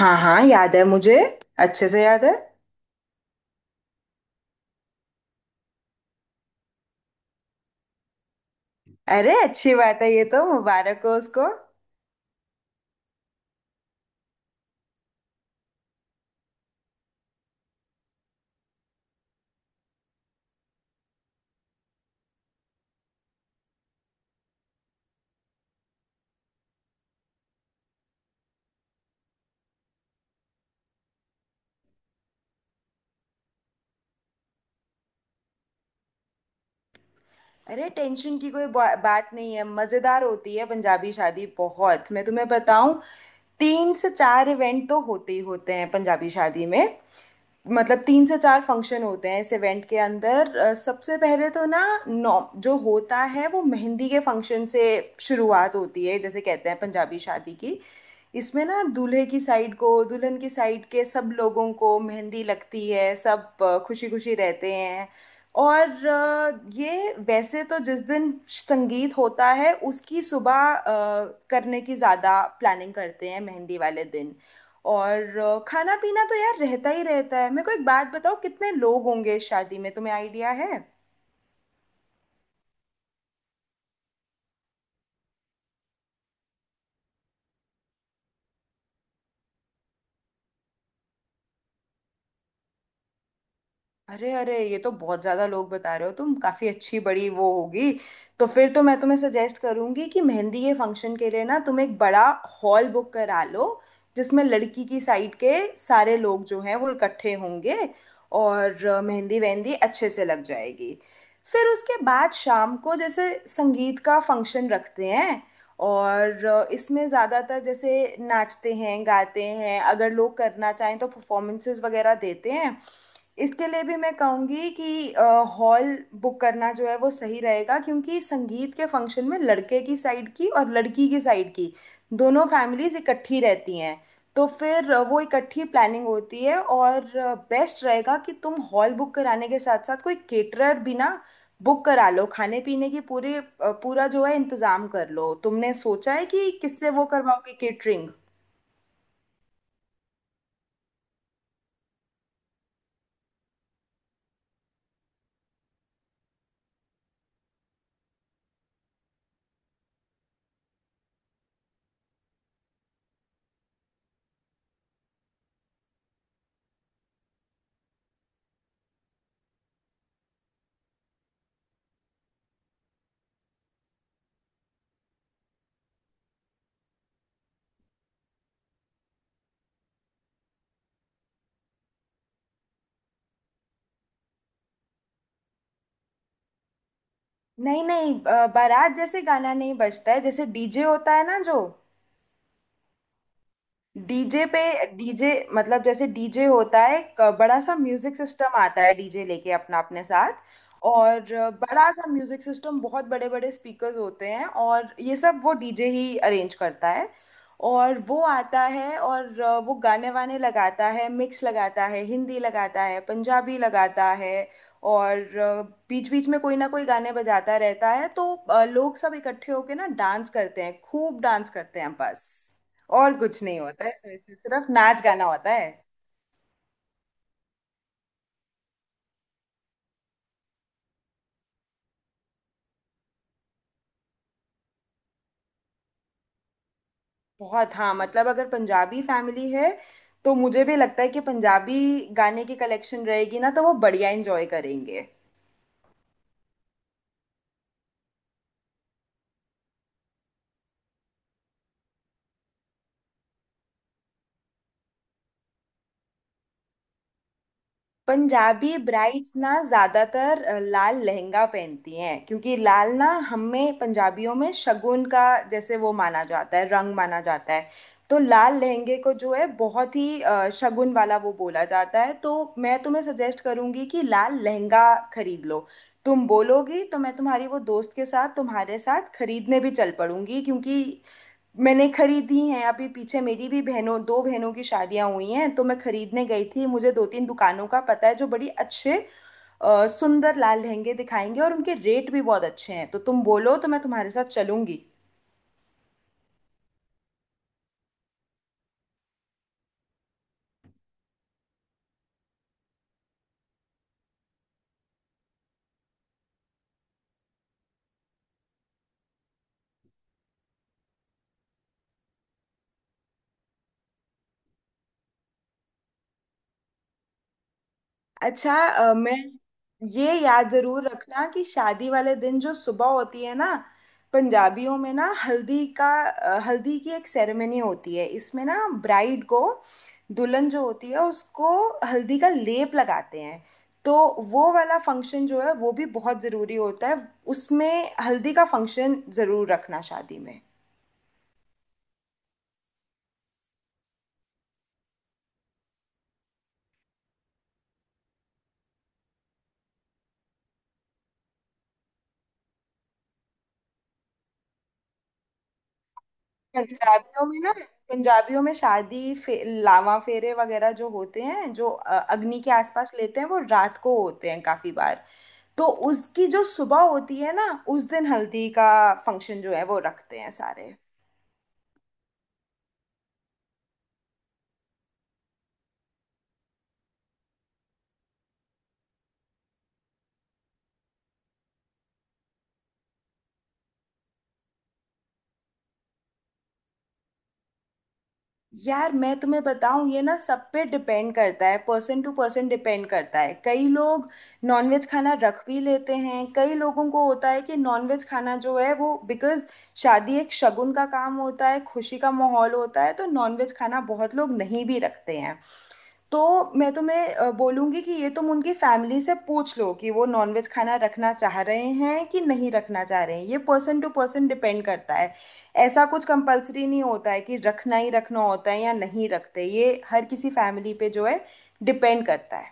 हाँ हाँ, याद है मुझे। अच्छे से याद है। अरे अच्छी बात है, ये तो मुबारक हो उसको। अरे टेंशन की कोई बात नहीं है। मजेदार होती है पंजाबी शादी बहुत, मैं तुम्हें बताऊं। तीन से चार इवेंट तो होते ही होते हैं पंजाबी शादी में। मतलब तीन से चार फंक्शन होते हैं इस इवेंट के अंदर। सबसे पहले तो ना नौ जो होता है वो मेहंदी के फंक्शन से शुरुआत होती है, जैसे कहते हैं पंजाबी शादी की। इसमें ना दूल्हे की साइड को दुल्हन की साइड के सब लोगों को मेहंदी लगती है, सब खुशी खुशी रहते हैं। और ये वैसे तो जिस दिन संगीत होता है उसकी सुबह करने की ज़्यादा प्लानिंग करते हैं मेहंदी वाले दिन। और खाना पीना तो यार रहता ही रहता है। मेरे को एक बात बताओ, कितने लोग होंगे इस शादी में तुम्हें आइडिया है? अरे अरे, ये तो बहुत ज्यादा लोग बता रहे हो तुम, काफी अच्छी बड़ी वो होगी। तो फिर तो मैं तुम्हें सजेस्ट करूंगी कि मेहंदी के फंक्शन के लिए ना तुम एक बड़ा हॉल बुक करा लो, जिसमें लड़की की साइड के सारे लोग जो हैं वो इकट्ठे होंगे और मेहंदी वेहंदी अच्छे से लग जाएगी। फिर उसके बाद शाम को जैसे संगीत का फंक्शन रखते हैं, और इसमें ज़्यादातर जैसे नाचते हैं गाते हैं, अगर लोग करना चाहें तो परफॉर्मेंसेस वगैरह देते हैं। इसके लिए भी मैं कहूंगी कि हॉल बुक करना जो है वो सही रहेगा, क्योंकि संगीत के फंक्शन में लड़के की साइड की और लड़की की साइड की दोनों फैमिलीज इकट्ठी रहती हैं। तो फिर वो इकट्ठी प्लानिंग होती है। और बेस्ट रहेगा कि तुम हॉल बुक कराने के साथ साथ कोई केटरर भी ना बुक करा लो, खाने पीने की पूरा जो है इंतजाम कर लो। तुमने सोचा है कि किससे वो करवाओगे केटरिंग? नहीं नहीं, बारात जैसे गाना नहीं बजता है। जैसे डीजे होता है ना, जो डीजे पे डीजे मतलब जैसे डीजे होता है, एक बड़ा सा म्यूजिक सिस्टम आता है डीजे लेके अपना अपने साथ। और बड़ा सा म्यूजिक सिस्टम, बहुत बड़े बड़े स्पीकर्स होते हैं, और ये सब वो डीजे ही अरेंज करता है। और वो आता है और वो गाने वाने लगाता है, मिक्स लगाता है, हिंदी लगाता है, पंजाबी लगाता है। और बीच बीच में कोई ना कोई गाने बजाता रहता है। तो लोग सब इकट्ठे होके ना डांस करते हैं, खूब डांस करते हैं, बस। और कुछ नहीं होता है इसमें, सिर्फ नाच गाना होता है। बहुत, हाँ मतलब अगर पंजाबी फैमिली है तो मुझे भी लगता है कि पंजाबी गाने की कलेक्शन रहेगी ना तो वो बढ़िया एंजॉय करेंगे। पंजाबी ब्राइड्स ना ज्यादातर लाल लहंगा पहनती हैं, क्योंकि लाल ना हमें पंजाबियों में शगुन का जैसे वो माना जाता है, रंग माना जाता है। तो लाल लहंगे को जो है बहुत ही शगुन वाला वो बोला जाता है। तो मैं तुम्हें सजेस्ट करूंगी कि लाल लहंगा खरीद लो। तुम बोलोगी तो मैं तुम्हारी वो दोस्त के साथ तुम्हारे साथ खरीदने भी चल पड़ूंगी, क्योंकि मैंने खरीदी हैं। अभी पीछे मेरी भी बहनों दो बहनों की शादियां हुई हैं तो मैं खरीदने गई थी। मुझे दो तीन दुकानों का पता है जो बड़ी अच्छे सुंदर लाल लहंगे दिखाएंगे, और उनके रेट भी बहुत अच्छे हैं। तो तुम बोलो तो मैं तुम्हारे साथ चलूंगी। अच्छा, अ, मैं ये याद जरूर रखना कि शादी वाले दिन जो सुबह होती है ना पंजाबियों में ना हल्दी की एक सेरेमनी होती है। इसमें ना ब्राइड को, दुल्हन जो होती है उसको, हल्दी का लेप लगाते हैं। तो वो वाला फंक्शन जो है वो भी बहुत ज़रूरी होता है। उसमें हल्दी का फंक्शन ज़रूर रखना शादी में। पंजाबियों में ना पंजाबियों में शादी लावा फेरे वगैरह जो होते हैं, जो अग्नि के आसपास लेते हैं, वो रात को होते हैं काफी बार। तो उसकी जो सुबह होती है ना उस दिन हल्दी का फंक्शन जो है वो रखते हैं सारे। यार मैं तुम्हें बताऊं, ये ना सब पे डिपेंड करता है, पर्सन टू पर्सन डिपेंड करता है। कई लोग नॉनवेज खाना रख भी लेते हैं, कई लोगों को होता है कि नॉनवेज खाना जो है वो बिकॉज शादी एक शगुन का काम होता है, खुशी का माहौल होता है, तो नॉनवेज खाना बहुत लोग नहीं भी रखते हैं। तो मैं तुम्हें बोलूँगी कि ये तुम उनकी फैमिली से पूछ लो कि वो नॉनवेज खाना रखना चाह रहे हैं कि नहीं रखना चाह रहे हैं, ये पर्सन टू पर्सन डिपेंड करता है। ऐसा कुछ कंपलसरी नहीं होता है कि रखना ही रखना होता है या नहीं रखते, ये हर किसी फैमिली पे जो है डिपेंड करता है।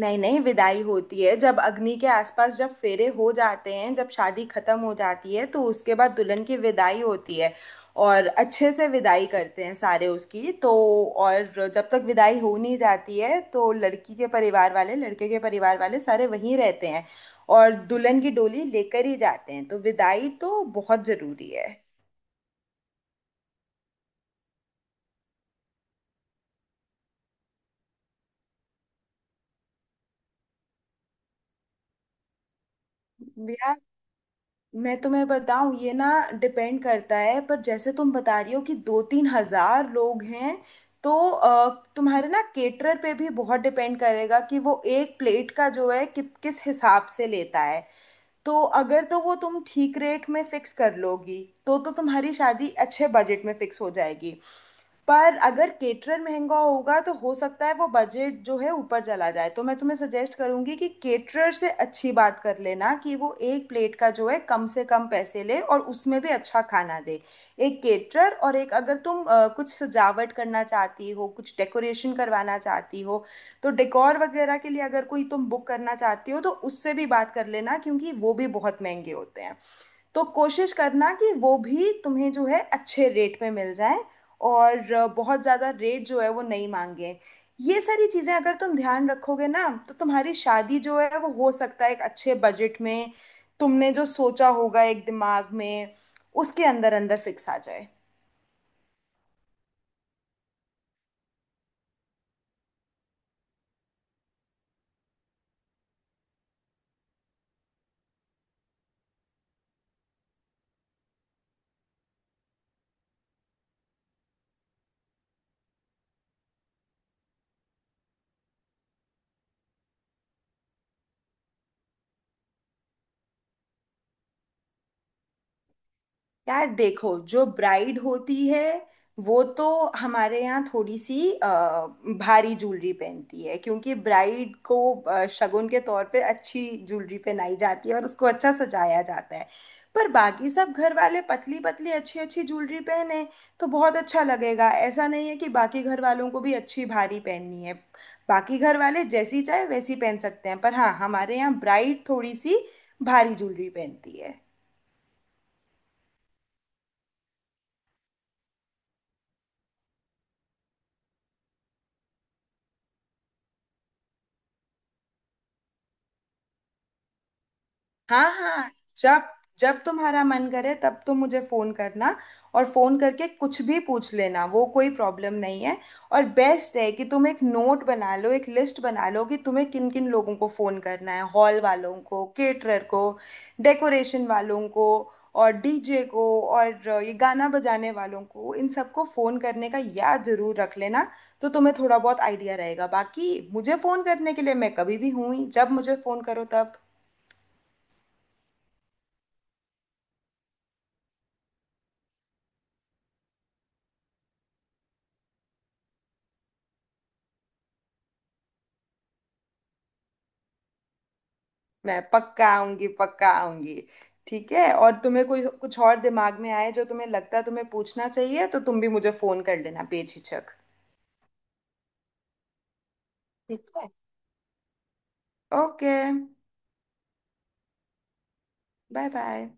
नहीं नहीं, विदाई होती है। जब अग्नि के आसपास जब फेरे हो जाते हैं, जब शादी खत्म हो जाती है, तो उसके बाद दुल्हन की विदाई होती है। और अच्छे से विदाई करते हैं सारे उसकी तो। और जब तक विदाई हो नहीं जाती है तो लड़की के परिवार वाले लड़के के परिवार वाले सारे वहीं रहते हैं, और दुल्हन की डोली लेकर ही जाते हैं, तो विदाई तो बहुत जरूरी है। मैं तुम्हें बताऊं, ये ना डिपेंड करता है, पर जैसे तुम बता रही हो कि दो तीन हजार लोग हैं तो तुम्हारे ना केटरर पे भी बहुत डिपेंड करेगा कि वो एक प्लेट का जो है किस हिसाब से लेता है। तो अगर तो वो तुम ठीक रेट में फिक्स कर लोगी तो तुम्हारी शादी अच्छे बजट में फिक्स हो जाएगी। पर अगर केटरर महंगा होगा तो हो सकता है वो बजट जो है ऊपर चला जाए। तो मैं तुम्हें सजेस्ट करूंगी कि केटरर से अच्छी बात कर लेना कि वो एक प्लेट का जो है कम से कम पैसे ले और उसमें भी अच्छा खाना दे। एक केटरर, और एक अगर तुम कुछ सजावट करना चाहती हो कुछ डेकोरेशन करवाना चाहती हो, तो डेकोर वगैरह के लिए अगर कोई तुम बुक करना चाहती हो तो उससे भी बात कर लेना, क्योंकि वो भी बहुत महंगे होते हैं। तो कोशिश करना कि वो भी तुम्हें जो है अच्छे रेट पे मिल जाए, और बहुत ज़्यादा रेट जो है वो नहीं मांगे। ये सारी चीज़ें अगर तुम ध्यान रखोगे ना तो तुम्हारी शादी जो है वो हो सकता है एक अच्छे बजट में, तुमने जो सोचा होगा एक दिमाग में उसके अंदर अंदर फिक्स आ जाए। यार देखो, जो ब्राइड होती है वो तो हमारे यहाँ थोड़ी सी भारी ज्वेलरी पहनती है, क्योंकि ब्राइड को शगुन के तौर पे अच्छी ज्वेलरी पहनाई जाती है और उसको अच्छा सजाया जाता है। पर बाकी सब घर वाले पतली पतली अच्छी अच्छी ज्वेलरी पहने तो बहुत अच्छा लगेगा। ऐसा नहीं है कि बाकी घर वालों को भी अच्छी भारी पहननी है। बाकी घर वाले जैसी चाहे वैसी पहन सकते हैं, पर हाँ हमारे यहाँ ब्राइड थोड़ी सी भारी ज्वेलरी पहनती है। हाँ हाँ, जब जब तुम्हारा मन करे तब तुम मुझे फोन करना। और फोन करके कुछ भी पूछ लेना, वो कोई प्रॉब्लम नहीं है। और बेस्ट है कि तुम एक नोट बना लो, एक लिस्ट बना लो कि तुम्हें किन किन लोगों को फोन करना है — हॉल वालों को, केटरर को, डेकोरेशन वालों को, और डीजे को, और ये गाना बजाने वालों को, इन सबको फोन करने का याद जरूर रख लेना। तो तुम्हें थोड़ा बहुत आइडिया रहेगा, बाकी मुझे फोन करने के लिए मैं कभी भी हूँ ही, जब मुझे फोन करो तब। मैं पक्का आऊंगी, पक्का आऊंगी। ठीक है, और तुम्हें कोई कुछ और दिमाग में आए जो तुम्हें लगता है तुम्हें पूछना चाहिए, तो तुम भी मुझे फोन कर लेना बेझिझक। ठीक है। Okay, bye bye.